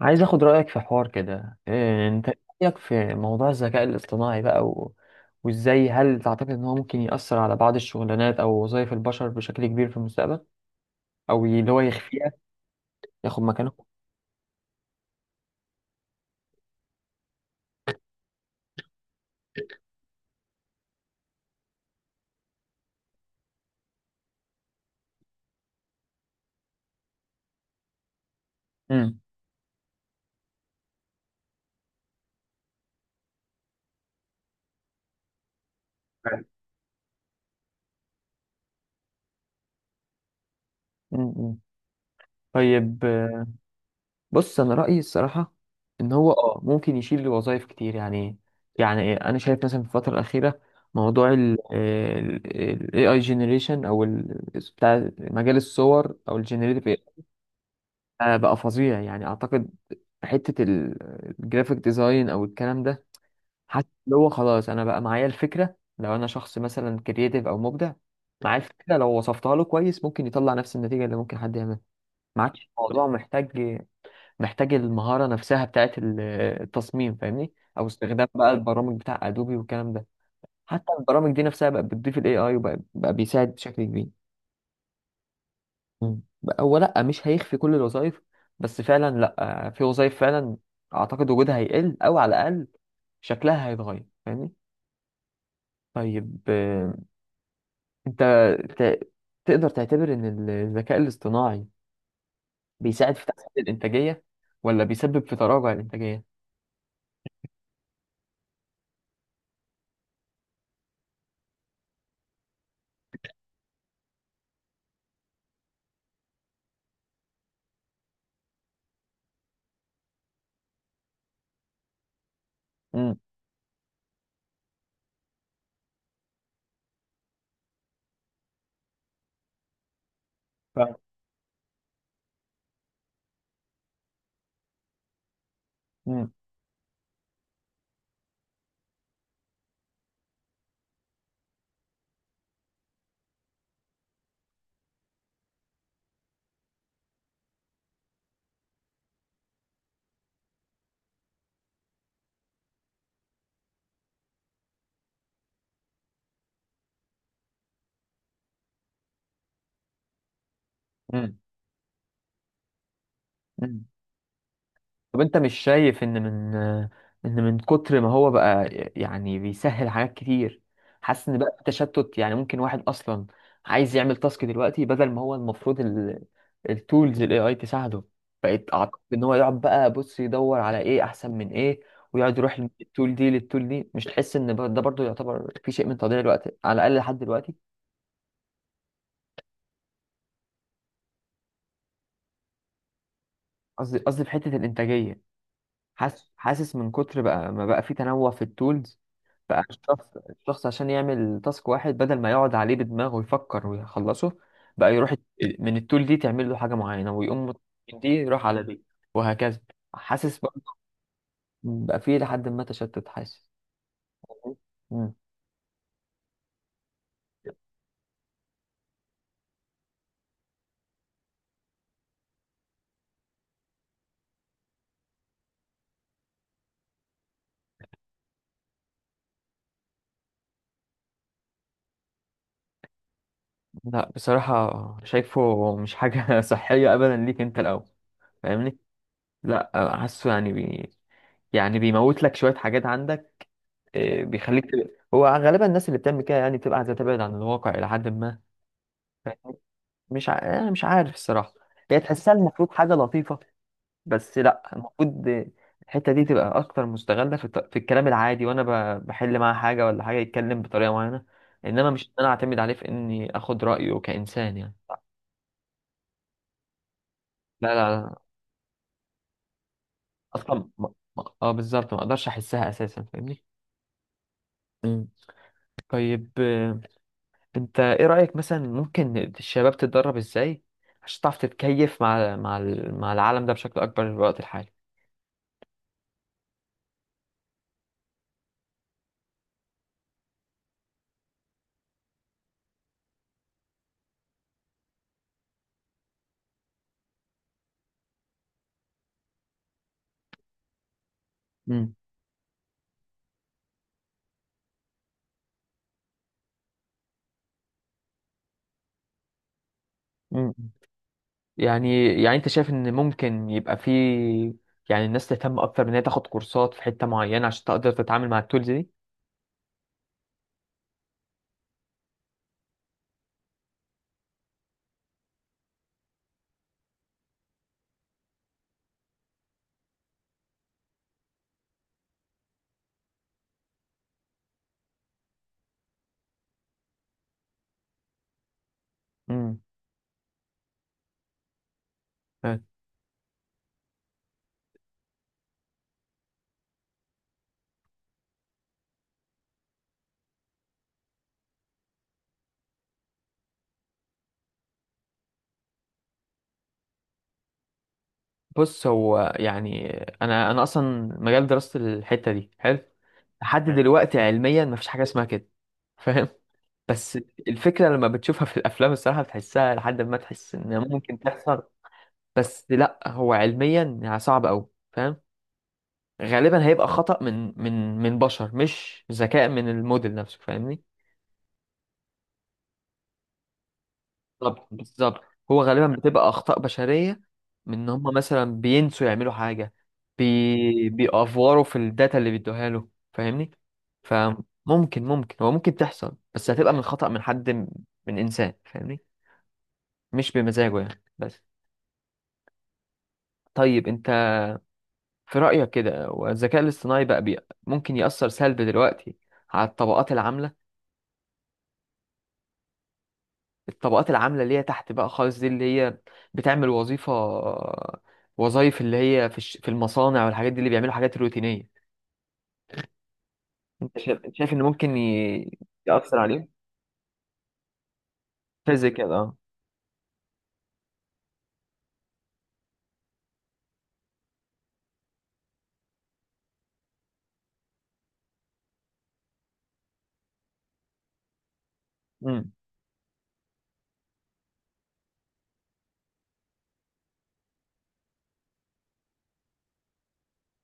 عايز اخد رأيك في حوار كده، إيه. مم. انت إيه رأيك في موضوع الذكاء الاصطناعي بقى وازاي، هل تعتقد ان هو ممكن يأثر على بعض الشغلانات او وظائف البشر بشكل كبير في المستقبل، او اللي هو يخفيها ياخد مكانه. امم امم طيب، بص انا رأيي الصراحة ان هو ممكن يشيل وظائف كتير يعني. يعني إيه، انا شايف مثلا في الفترة الأخيرة موضوع ال AI generation او ال بتاع مجال الصور او ال generative، بقى فظيع يعني اعتقد حتة ال- الجرافيك ديزاين او الكلام ده، حتى اللي هو خلاص انا بقى معايا الفكرة لو انا شخص مثلا كرييتيف او مبدع، معايا الفكرة لو وصفتها له كويس ممكن يطلع نفس النتيجة اللي ممكن حد يعملها. ما عادش الموضوع محتاج المهارة نفسها بتاعت التصميم فاهمني، او استخدام بقى البرامج بتاع ادوبي والكلام ده. حتى البرامج دي نفسها بقت بتضيف الاي اي وبقى بقى بيساعد بشكل كبير. مم. هو لا، مش هيخفي كل الوظائف، بس فعلا لا، في وظائف فعلا اعتقد وجودها هيقل، او على الاقل شكلها هيتغير فاهمني. طيب، انت ت- تقدر تعتبر ان الذكاء الاصطناعي بيساعد في تحسين الانتاجيه ولا بيسبب في تراجع الانتاجيه؟ امم ف... امم امم طب انت مش شايف ان من كتر ما هو بقى، يعني بيسهل حاجات كتير، حاسس ان بقى في تشتت، يعني ممكن واحد اصلا عايز يعمل تاسك دلوقتي بدل ما هو المفروض التولز الاي اي تساعده، بقيت اعتقد ان هو يقعد بقى بص يدور على ايه احسن من ايه، ويقعد يروح من التول دي للتول دي. مش تحس ان ده برضو يعتبر في شيء من تضييع الوقت على الاقل لحد دلوقتي؟ قصدي في حتة الانتاجية، حاسس من كتر بقى ما بقى في تنوع في التولز، بقى الشخص عشان يعمل تاسك واحد بدل ما يقعد عليه بدماغه ويفكر ويخلصه، بقى يروح من التول دي تعمل له حاجة معينة، ويقوم من دي يروح على دي وهكذا. حاسس برضه بقى في لحد ما تشتت، حاسس. مم. لا بصراحة شايفه مش حاجة صحية أبدا ليك أنت الأول. فاهمني؟ لا، حاسه يعني يعني بيموت لك شوية حاجات عندك، إيه، بيخليك تبقى. هو غالبا الناس اللي بتعمل كده يعني بتبقى عايزه تبعد عن الواقع الى حد ما. مش أنا مش عارف الصراحه، هي تحسها المفروض حاجه لطيفه، بس لا، المفروض الحته دي تبقى اكتر مستغله في الكلام العادي، وانا بحل معاه حاجه ولا حاجه يتكلم بطريقه معينه، انما مش إن انا اعتمد عليه في اني اخد رايه كانسان يعني. لا لا, لا. اصلا ما... ما... اه بالظبط، ما اقدرش احسها اساسا فاهمني. مم. طيب انت ايه رأيك، مثلا ممكن الشباب تتدرب ازاي عشان تعرف تتكيف مع العالم ده بشكل اكبر في الوقت الحالي؟ مم. مم. يعني انت شايف ان ممكن يبقى في، يعني الناس تهتم اكتر ان هي تاخد كورسات في حتة معينة عشان تقدر تتعامل مع التولز دي. مم. بص هو يعني انا اصلا مجال دراسة الحتة دي حلو، لحد حلو دلوقتي علميا مفيش حاجة اسمها كده فاهم، بس الفكرة لما بتشوفها في الافلام الصراحة بتحسها لحد ما تحس ان ممكن تحصل، بس لا هو علميا يعني صعب قوي فاهم. غالبا هيبقى خطأ من من بشر، مش ذكاء من الموديل نفسه فاهمني. بالظبط، بالظبط. هو غالبا بتبقى اخطاء بشريه، من ان هم مثلا بينسوا يعملوا حاجه، بيأفوروا في الداتا اللي بيدوها له فاهمني. فممكن ممكن هو ممكن تحصل، بس هتبقى من خطأ من حد من انسان فاهمني، مش بمزاجه يعني بس. طيب انت في رأيك كده، والذكاء الاصطناعي بقى بي... ممكن يأثر سلبي دلوقتي على الطبقات العاملة اللي هي تحت بقى خالص، دي اللي هي بتعمل وظيفة، وظائف اللي هي في المصانع والحاجات دي، اللي بيعملوا حاجات روتينية. انت شايف ان ممكن يأثر عليهم؟ شايف زي كده، اه. امم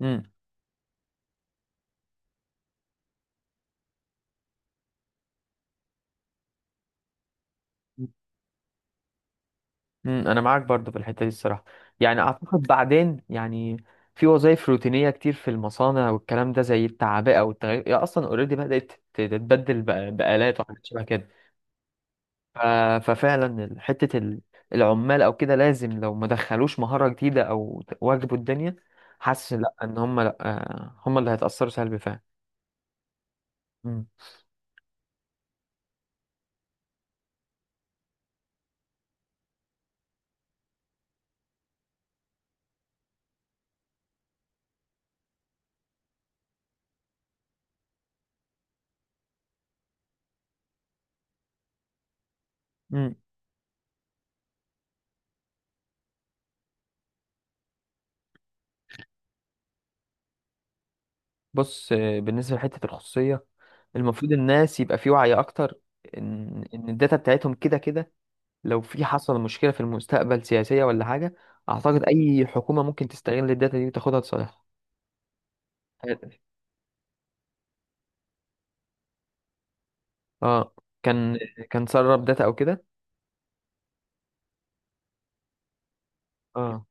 امم انا معاك برضو في الحتة دي الصراحة، يعني اعتقد بعدين يعني في وظائف روتينية كتير في المصانع والكلام ده زي التعبئة والتغيير، هي اصلا اوريدي بدأت تتبدل بآلات وحاجات شبه كده. ف- ففعلا حتة العمال او كده لازم، لو ما دخلوش مهارة جديدة او واجبوا الدنيا، حاسس لا، ان هم لا، هم اللي هيتأثروا سلبي فعلا. مم. مم. بص، بالنسبة لحتة الخصوصية، المفروض الناس يبقى في وعي اكتر ان الداتا بتاعتهم كده كده، لو في حصل مشكلة في المستقبل سياسية ولا حاجة، اعتقد اي حكومة ممكن تستغل الداتا دي وتاخدها لصالحها. اه، كان كان سرب داتا او كده. اه.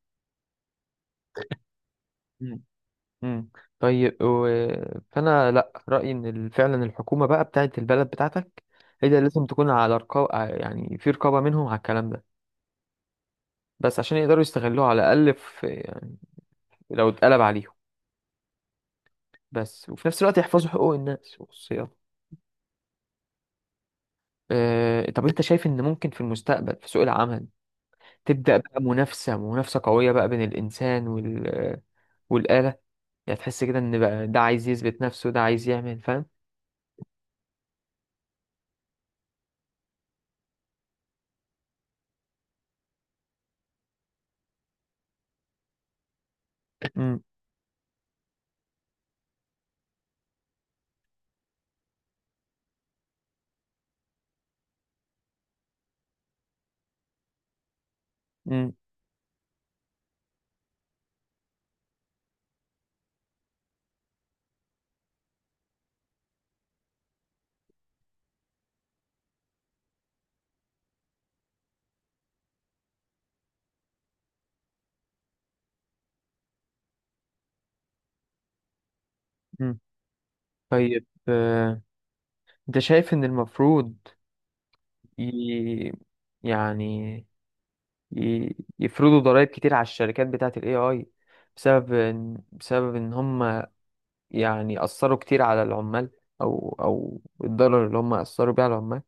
مم. طيب فانا لا، رايي ان فعلا الحكومه بقى بتاعه البلد بتاعتك، هي اللي لازم تكون على رقابه، يعني في رقابه منهم على الكلام ده، بس عشان يقدروا يستغلوه على الاقل في، يعني لو اتقلب عليهم، بس وفي نفس الوقت يحفظوا حقوق الناس وخصوصياتهم. طب انت شايف ان ممكن في المستقبل في سوق العمل تبدا بقى منافسه قويه بقى بين الانسان والاله، يعني تحس كده ان بقى ده عايز يثبت نفسه ده عايز يعمل فاهم. مم. مم. مم. طيب، انت شايف ان المفروض ي... يعني يفرضوا ضرائب كتير على الشركات بتاعت الاي اي، بسبب ان هم يعني اثروا كتير على العمال، او الضرر اللي هم اثروا بيه على العمال.